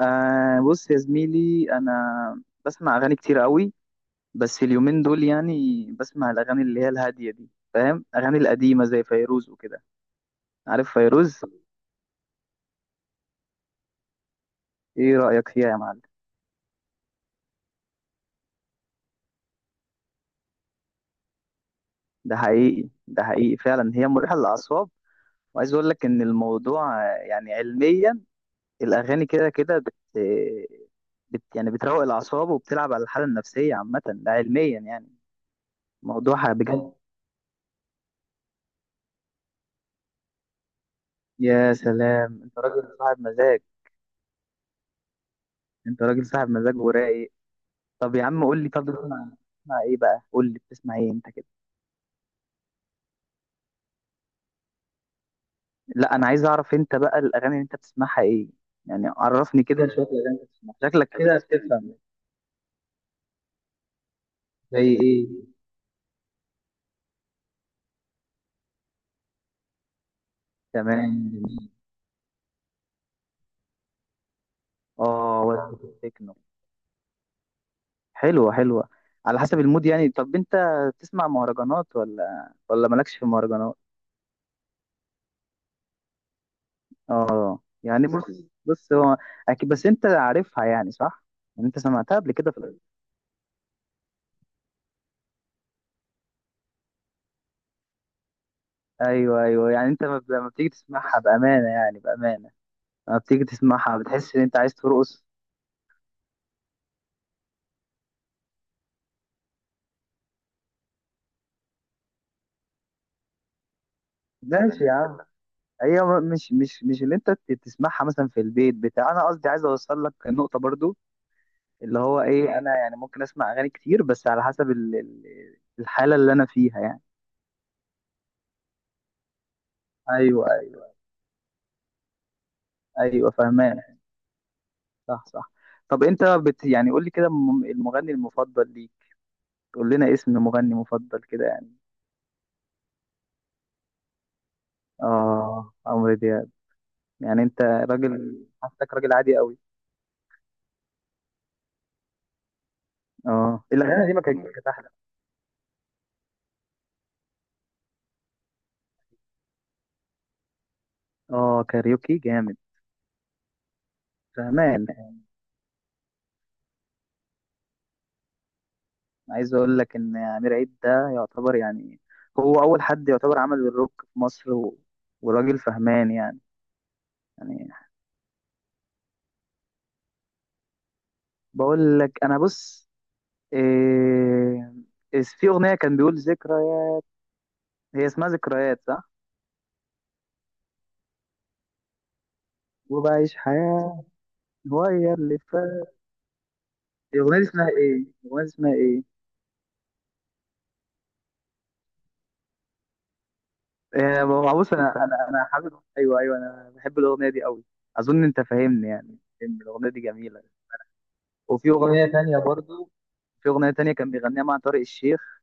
آه، بص يا زميلي، انا بسمع اغاني كتير قوي. بس اليومين دول يعني بسمع الاغاني اللي هي الهاديه دي، فاهم؟ اغاني القديمه زي فيروز وكده، عارف فيروز؟ ايه رايك فيها يا معلم؟ ده حقيقي، ده حقيقي فعلا، هي مريحه للاعصاب. وعايز اقول لك ان الموضوع يعني علميا، الاغاني كده كده بت يعني بتروق الاعصاب وبتلعب على الحاله النفسيه عامه، ده علميا يعني. موضوع بجد. طب، يا سلام، انت راجل صاحب مزاج. انت راجل صاحب مزاج ورايق. طب يا عم قول لي، طب بتسمع ايه بقى؟ قول لي بتسمع ايه انت كده؟ لا، انا عايز اعرف انت بقى الاغاني اللي انت بتسمعها ايه، يعني عرفني كده شويه الاغاني اللي انت بتسمعها، شكلك كده بتفهم. زي ايه؟ تمام، جميل. اه، وقت التكنو، حلوه حلوه. على حسب المود يعني. طب انت بتسمع مهرجانات ولا مالكش في مهرجانات؟ اه، يعني بص هو اكيد، بس انت عارفها يعني صح؟ يعني انت سمعتها قبل كده في ايوه ايوه، يعني انت لما لما بتيجي تسمعها بامانه، يعني بامانه، لما بتيجي تسمعها بتحس ان انت عايز ترقص. ماشي يا عم. هي مش اللي انت تسمعها مثلا في البيت بتاع، انا قصدي عايز اوصل لك النقطه برضو، اللي هو ايه، انا يعني ممكن اسمع اغاني كتير بس على حسب الحاله اللي انا فيها يعني. ايوه ايوه ايوه، فاهمان. صح صح. طب انت بت يعني قول لي كده المغني المفضل ليك، قول لنا اسم مغني مفضل كده يعني. اه، عمرو دياب. يعني انت راجل، حاسسك راجل عادي قوي. اه، الاغاني، الأغاني دي ما كانت أحلى. اه، كاريوكي جامد. فهمان. عايز اقول لك ان امير عيد ده يعتبر يعني، هو اول حد يعتبر عمل الروك في مصر وراجل فهمان يعني. يعني بقول لك انا بص، إيه... إيه في اغنيه كان بيقول ذكريات، هي اسمها ذكريات صح؟ وبعيش حياه غير اللي فات. الاغنيه دي اسمها ايه؟ الاغنيه دي اسمها ايه؟ إيه، بص انا، حابب، ايوه ايوه، انا بحب الاغنيه دي قوي. اظن انت فاهمني، يعني فاهمني، الاغنيه دي جميله. وفي اغنيه تانية برضو، في اغنيه تانية كان بيغنيها مع طارق الشيخ،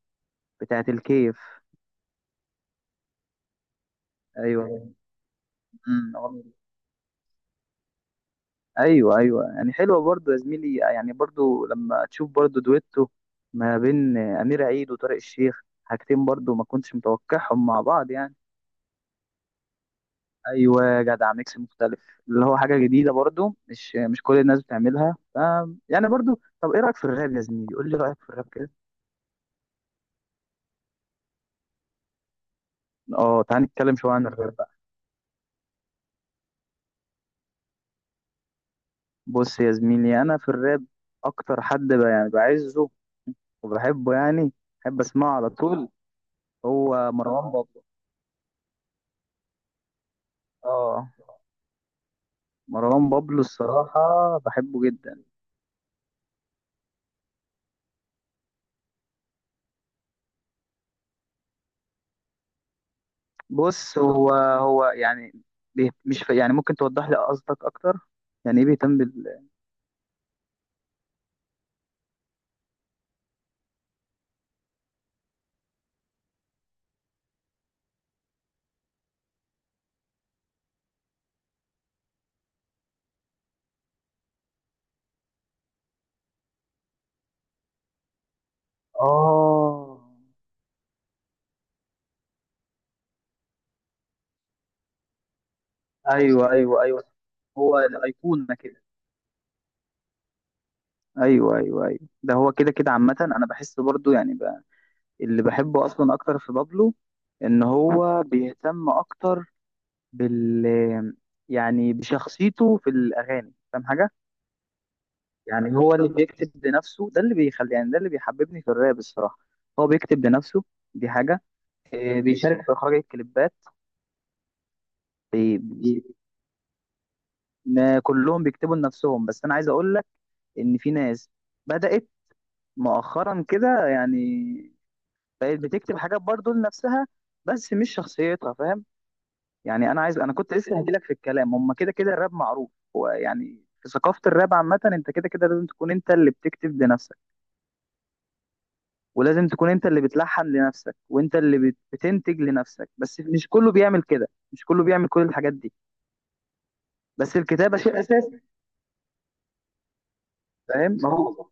بتاعة الكيف. ايوه. امم، والله. ايوه ايوه، يعني حلوه برضو يا زميلي، يعني برضو لما تشوف برضو دويتو ما بين امير عيد وطارق الشيخ، حاجتين برضو ما كنتش متوقعهم مع بعض يعني. ايوه يا جدع، ميكس مختلف، اللي هو حاجه جديده برضو، مش كل الناس بتعملها، ف يعني برضو. طب ايه رايك في الراب يا زميلي؟ قول لي رايك في الراب كده. اه، تعال نتكلم شويه عن الراب بقى. بص يا زميلي، انا في الراب اكتر حد يعني بعزه وبحبه يعني، بحب اسمعه على طول، هو مروان بابلو. اه، مروان بابلو الصراحة بحبه جدا. بص، هو يعني بيه- مش ف... يعني ممكن توضح لي قصدك اكتر، يعني ايه بيهتم بال؟ اه، ايوه ايوه ايوه، هو الايقونة كده. ايوه ايوه ايوه، ده هو كده كده عامة. انا بحس برضو يعني بقى اللي بحبه اصلا اكتر في بابلو ان هو بيهتم اكتر بال، يعني بشخصيته في الاغاني، فاهم حاجة؟ يعني هو اللي بيكتب لنفسه، ده اللي بيخلي يعني، ده اللي بيحببني في الراب الصراحة، هو بيكتب لنفسه، دي حاجة. إيه، بيشارك في إخراج الكليبات. بي... بي... ما كلهم بيكتبوا لنفسهم، بس أنا عايز أقول لك إن في ناس بدأت مؤخرا كده يعني بقت بتكتب حاجات برضو لنفسها، بس مش شخصيتها، فاهم؟ يعني أنا عايز، أنا كنت لسه هجيلك في الكلام. هما كده كده الراب معروف هو يعني، في ثقافة الراب عامة أنت كده كده لازم تكون أنت اللي بتكتب لنفسك، ولازم تكون انت اللي بتلحن لنفسك، وانت اللي بتنتج لنفسك، بس مش كله بيعمل كده، مش كله بيعمل كل الحاجات دي. بس الكتابة شيء اساسي، فاهم؟ ما هو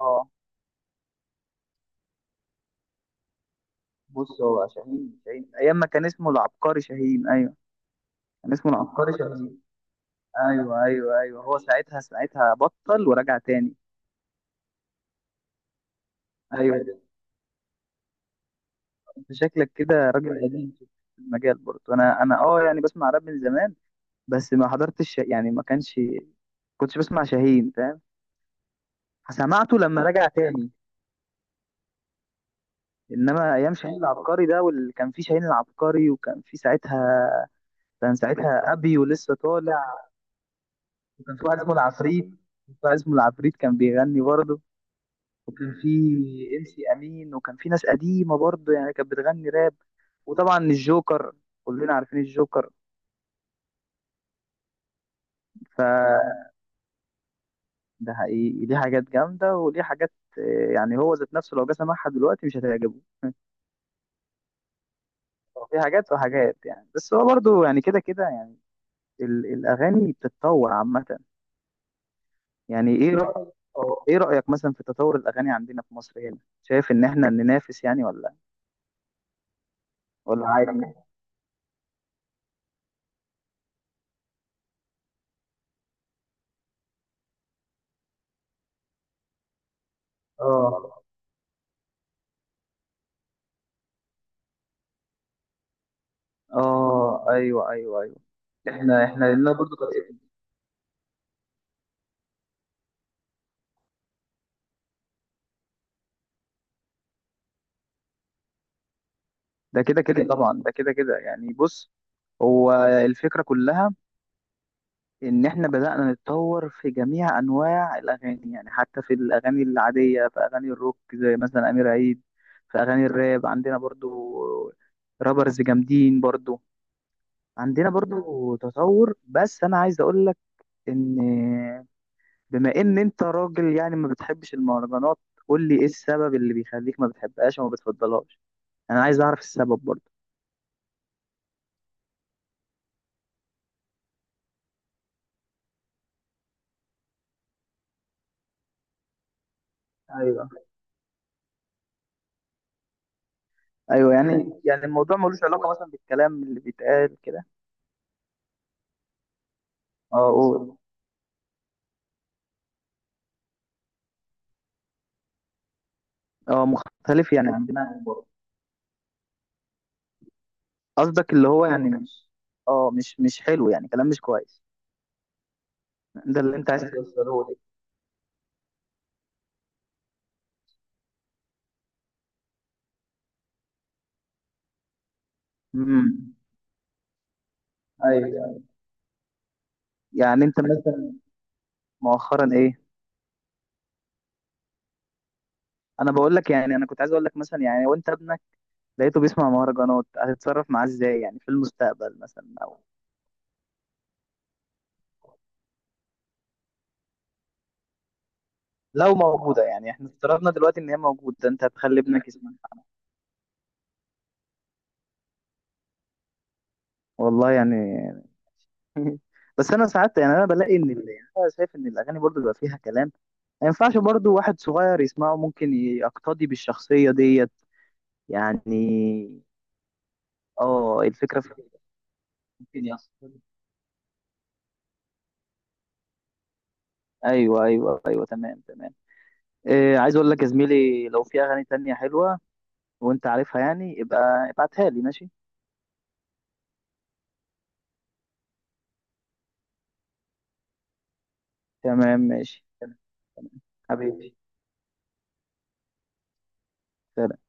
اه. بص، هو شاهين ايام ما كان اسمه العبقري شاهين، ايوه، كان اسمه العبقري شاهين. ايوه ايوه ايوه، هو ساعتها بطل ورجع تاني. ايوه، انت شكلك كده راجل قديم في المجال برضه. انا انا اه يعني بسمع راب من زمان، بس ما حضرتش يعني ما كانش كنتش بسمع شاهين، فاهم؟ سمعته لما رجع تاني. انما ايام شاهين العبقري ده، واللي كان فيه شاهين العبقري وكان فيه ساعتها، كان ساعتها ابي ولسه طالع، وكان في واحد اسمه العفريت، في واحد اسمه العفريت، كان بيغني برضه. وكان في ام سي امين، وكان في ناس قديمه برضه يعني كانت بتغني راب. وطبعا الجوكر، كلنا عارفين الجوكر، فده حقيقي، ليه حاجات جامده وليه حاجات يعني هو ذات نفسه لو جه سمعها دلوقتي مش هتعجبه. هو في حاجات وحاجات يعني، بس هو برضه يعني كده كده يعني الاغاني بتتطور عامه. يعني ايه، لا رأيك أو ايه رأيك مثلا في تطور الاغاني عندنا في مصر هنا؟ شايف ان احنا ننافس يعني؟ ولا عادي؟ اه اه، ايوه ايوه ايوه. احنا احنا لنا برضه طريقتنا. ده كده كده طبعا، ده كده كده يعني. بص هو، الفكرة كلها إن إحنا بدأنا نتطور في جميع أنواع الأغاني، يعني حتى في الأغاني العادية، في أغاني الروك زي مثلا أمير عيد، في أغاني الراب عندنا برضو رابرز جامدين برضو، عندنا برضو تطور. بس أنا عايز أقول ان بما ان انت راجل يعني ما بتحبش المهرجانات، قول لي ايه السبب اللي بيخليك ما بتحبهاش وما بتفضلهاش، انا عايز اعرف السبب برضه. ايوه ايوه، الموضوع ملوش علاقة مثلا بالكلام اللي بيتقال كده. اه، قول. اه، مختلف يعني عن دماغك برضه؟ قصدك اللي هو يعني مش، اه، مش حلو يعني، كلام مش كويس، ده اللي انت عايز توصله لي. امم، ايوه. يعني انت مثلا، مؤخرا ايه؟ انا بقول لك يعني، انا كنت عايز اقول لك مثلا يعني، وانت ابنك لقيته بيسمع مهرجانات، هتتصرف معاه ازاي يعني في المستقبل مثلا؟ او لو موجودة يعني، احنا افترضنا دلوقتي ان هي موجودة، انت هتخلي ابنك يسمع؟ والله يعني. بس انا ساعات يعني انا بلاقي ان يعني انا شايف ان الاغاني برضو بيبقى فيها كلام ما ينفعش برضو واحد صغير يسمعه، ممكن يقتدي بالشخصية ديت يعني. اه، الفكرة في كده، ممكن يحصل. ايوه ايوه ايوه، تمام تمام. إيه، عايز اقول لك يا زميلي لو في اغاني تانية حلوة وانت عارفها يعني، ابقى ابعتها لي ماشي؟ تمام، ماشي، تمام. تمام. حبيبي. سلام.